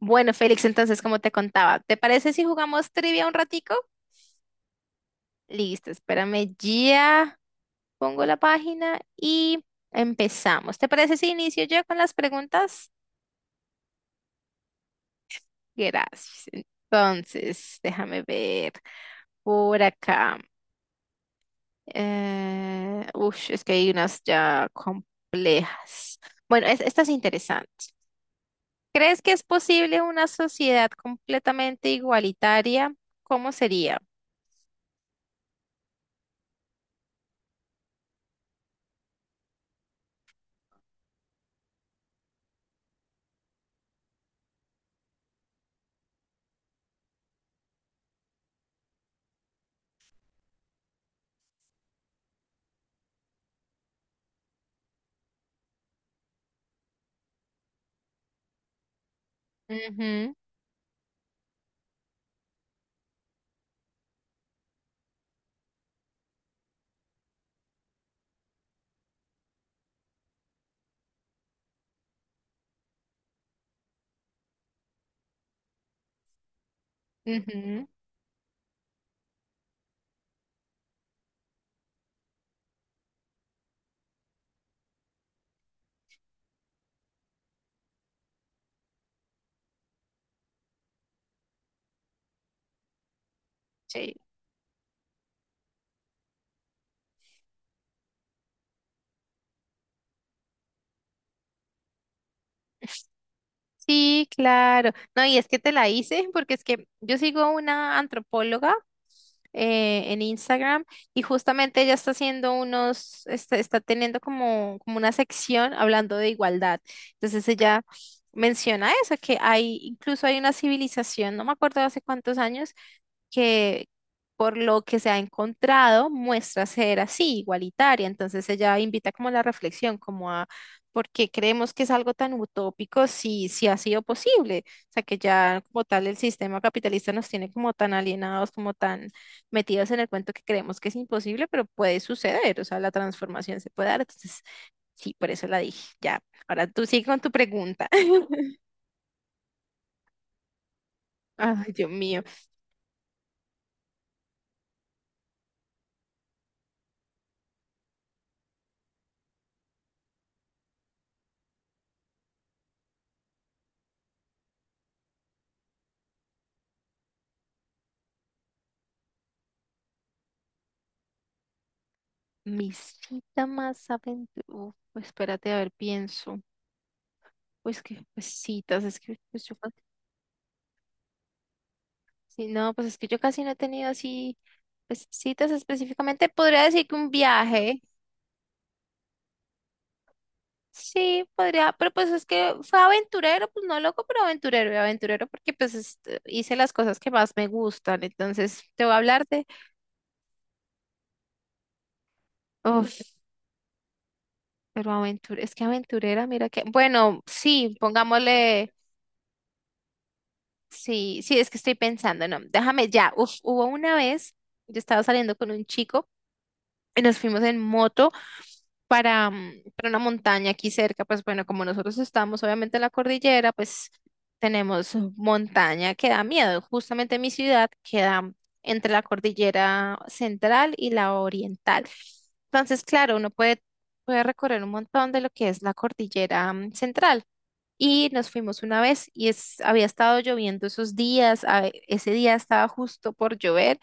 Bueno, Félix, entonces, como te contaba, ¿te parece si jugamos trivia un ratico? Listo, espérame, ya pongo la página y empezamos. ¿Te parece si inicio yo con las preguntas? Gracias. Entonces, déjame ver por acá. Ush, es que hay unas ya complejas. Bueno, esta es interesante. ¿Crees que es posible una sociedad completamente igualitaria? ¿Cómo sería? Ujú, ujú. Sí, sí, claro. No, y es que te la hice porque es que yo sigo una antropóloga en Instagram, y justamente ella está haciendo unos, está, está teniendo como, como una sección hablando de igualdad. Entonces ella menciona eso, que hay, incluso hay una civilización, no me acuerdo hace cuántos años, que por lo que se ha encontrado muestra ser así, igualitaria. Entonces ella invita como a la reflexión, como a por qué creemos que es algo tan utópico si, si ha sido posible. O sea, que ya como tal el sistema capitalista nos tiene como tan alienados, como tan metidos en el cuento que creemos que es imposible, pero puede suceder. O sea, la transformación se puede dar. Entonces, sí, por eso la dije. Ya, ahora tú sigue con tu pregunta. Ay, Dios mío. Mi cita más aventurera. Espérate, a ver, pienso. Pues que, pues citas, es que pues, sí, no, pues es que yo casi no he tenido así, pues citas específicamente. Podría decir que un viaje. Sí, podría, pero pues es que fue aventurero, pues no loco, pero aventurero y aventurero porque pues este, hice las cosas que más me gustan. Entonces, te voy a hablar de, uf, pero aventurera, es que aventurera, mira que, bueno, sí, pongámosle. Sí, sí, es que estoy pensando, no, déjame ya. Uf, hubo una vez, yo estaba saliendo con un chico y nos fuimos en moto para, para una montaña aquí cerca. Pues bueno, como nosotros estamos obviamente en la cordillera, pues tenemos montaña que da miedo. Justamente mi ciudad queda entre la cordillera central y la oriental. Entonces, claro, uno puede, puede recorrer un montón de lo que es la cordillera central. Y nos fuimos una vez y es, había estado lloviendo esos días, ese día estaba justo por llover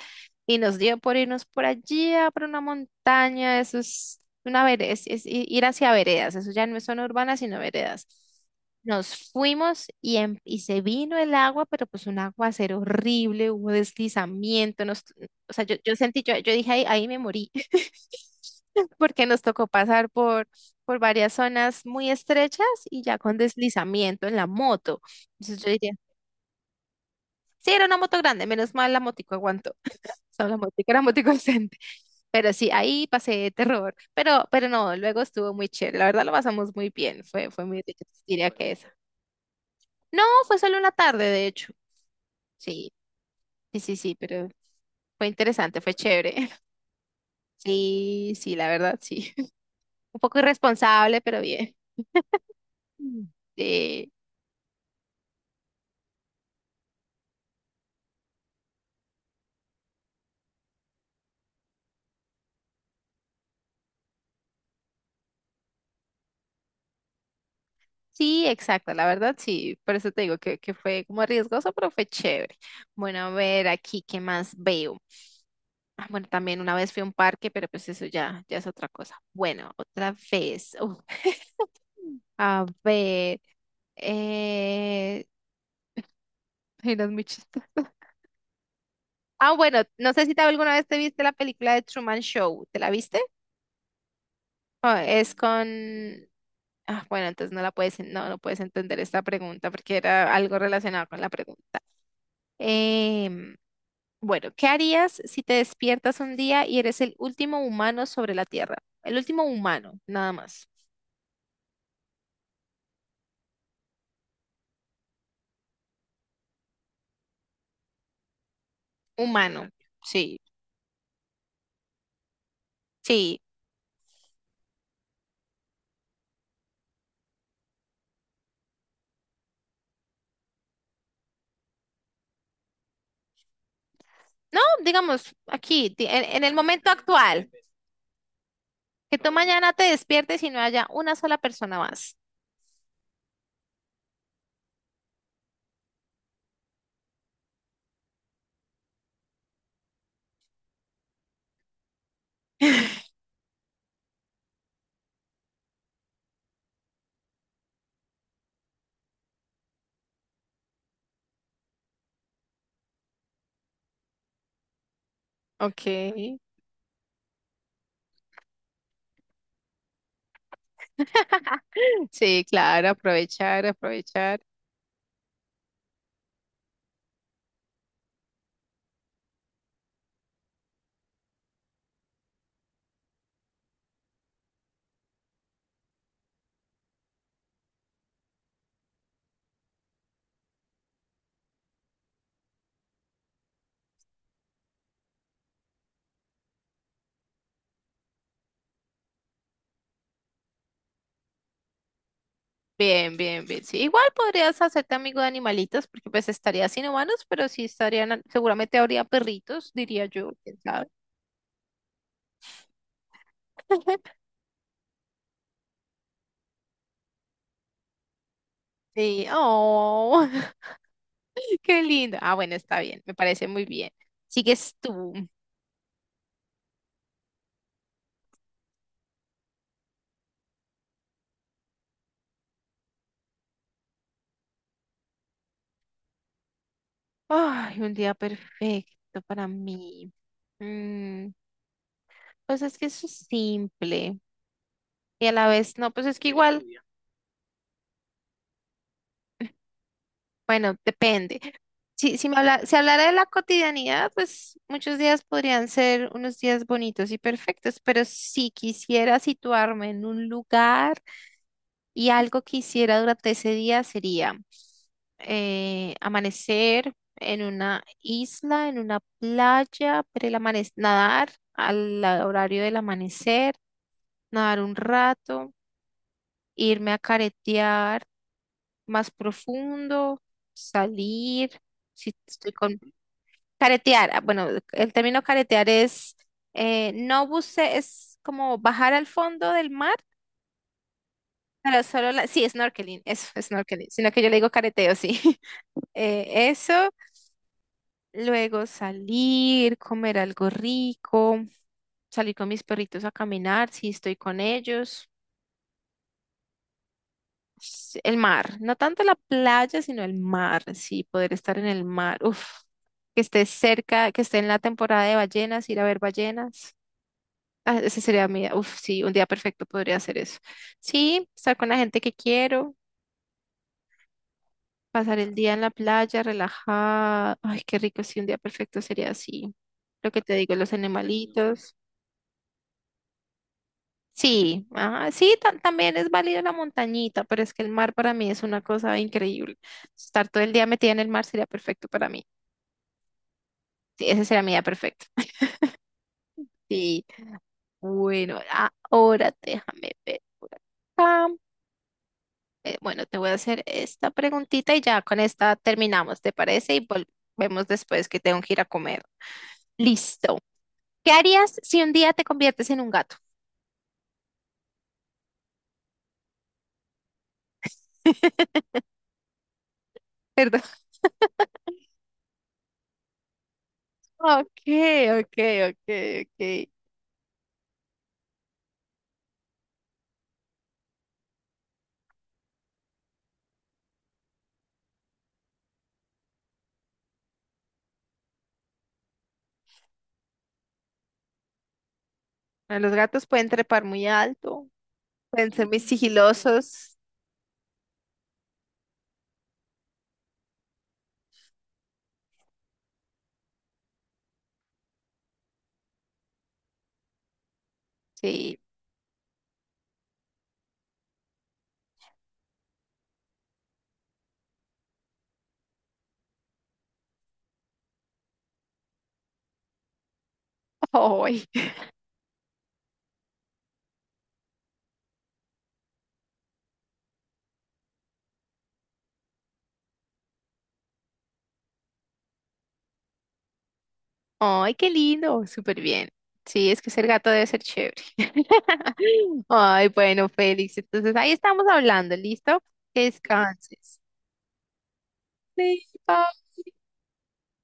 y nos dio por irnos por allí, a por una montaña, eso es una vereda, es, ir hacia veredas, eso ya no es zona urbana, sino veredas. Nos fuimos y, y se vino el agua, pero pues un aguacero horrible, hubo deslizamiento, nos, o sea, yo sentí, yo dije, ahí, ahí me morí, porque nos tocó pasar por varias zonas muy estrechas y ya con deslizamiento en la moto. Entonces yo diría, sí, era una moto grande, menos mal la motico aguantó. O sea, la motico era motico decente. Pero sí, ahí pasé terror. Pero no, luego estuvo muy chévere. La verdad lo pasamos muy bien. Fue, fue muy rico, diría que esa. No, fue solo una tarde, de hecho. Sí, sí, sí, sí, pero fue interesante, fue chévere. Sí, sí, la verdad, sí. Un poco irresponsable, pero bien. Mm. Sí. Sí, exacto, la verdad sí, por eso te digo que fue como riesgoso, pero fue chévere. Bueno, a ver aquí, ¿qué más veo? Ah, bueno, también una vez fui a un parque, pero pues eso ya, ya es otra cosa. Bueno, otra vez. Uf, a ver, eh... ay, no, es muy chistoso. Ah, bueno, no sé si te, alguna vez te viste la película de Truman Show, ¿te la viste? Ah, es con... Ah, bueno, entonces no la puedes, no, no puedes entender esta pregunta porque era algo relacionado con la pregunta. Em, Bueno, ¿qué harías si te despiertas un día y eres el último humano sobre la Tierra? El último humano, nada más. Humano, sí. Sí. No, digamos, aquí, en el momento actual, que tú mañana te despiertes y no haya una sola persona más. Ok. Sí, claro, aprovechar, aprovechar. Bien, bien, bien. Sí, igual podrías hacerte amigo de animalitos, porque pues estarías sin humanos, pero sí estarían, seguramente habría perritos, diría yo, quién sabe. Sí, oh. Qué lindo. Ah, bueno, está bien, me parece muy bien. Sigues tú. Ay, un día perfecto para mí. Mm, pues es que eso es simple y a la vez no, pues es que igual, bueno, depende. Si, si me habla, si hablara de la cotidianidad, pues muchos días podrían ser unos días bonitos y perfectos, pero si quisiera situarme en un lugar, y algo que hiciera durante ese día sería amanecer en una isla, en una playa, pero nadar al horario del amanecer, nadar un rato, irme a caretear más profundo, salir, si estoy con... Caretear, ah, bueno, el término caretear es, no buce, es como bajar al fondo del mar, pero solo la... Sí, snorkeling, eso, snorkeling, sino que yo le digo careteo, sí. Eso, luego salir, comer algo rico, salir con mis perritos a caminar, si estoy con ellos. El mar, no tanto la playa, sino el mar, sí, poder estar en el mar. Uf, que esté cerca, que esté en la temporada de ballenas, ir a ver ballenas. Ah, ese sería mi, uf, sí, un día perfecto podría hacer eso. Sí, estar con la gente que quiero, pasar el día en la playa, relajada. Ay, qué rico, sí, un día perfecto sería así. Lo que te digo, los animalitos. Sí, ajá, sí, también es válida la montañita, pero es que el mar para mí es una cosa increíble. Estar todo el día metida en el mar sería perfecto para mí. Sí, ese sería mi día perfecto. Sí, bueno, ahora déjame ver. Acá. Bueno, te voy a hacer esta preguntita y ya con esta terminamos, ¿te parece? Y volvemos después que tengo que ir a comer. Listo. ¿Qué harías si un día te conviertes en un gato? Perdón. Ok, ok, ok, ok. Los gatos pueden trepar muy alto. Pueden ser muy sigilosos. Sí. ¡Ay! ¡Ay, qué lindo! Súper bien. Sí, es que ser gato debe ser chévere. Ay, bueno, Félix. Entonces ahí estamos hablando, ¿listo? Que descanses. Sí, bye.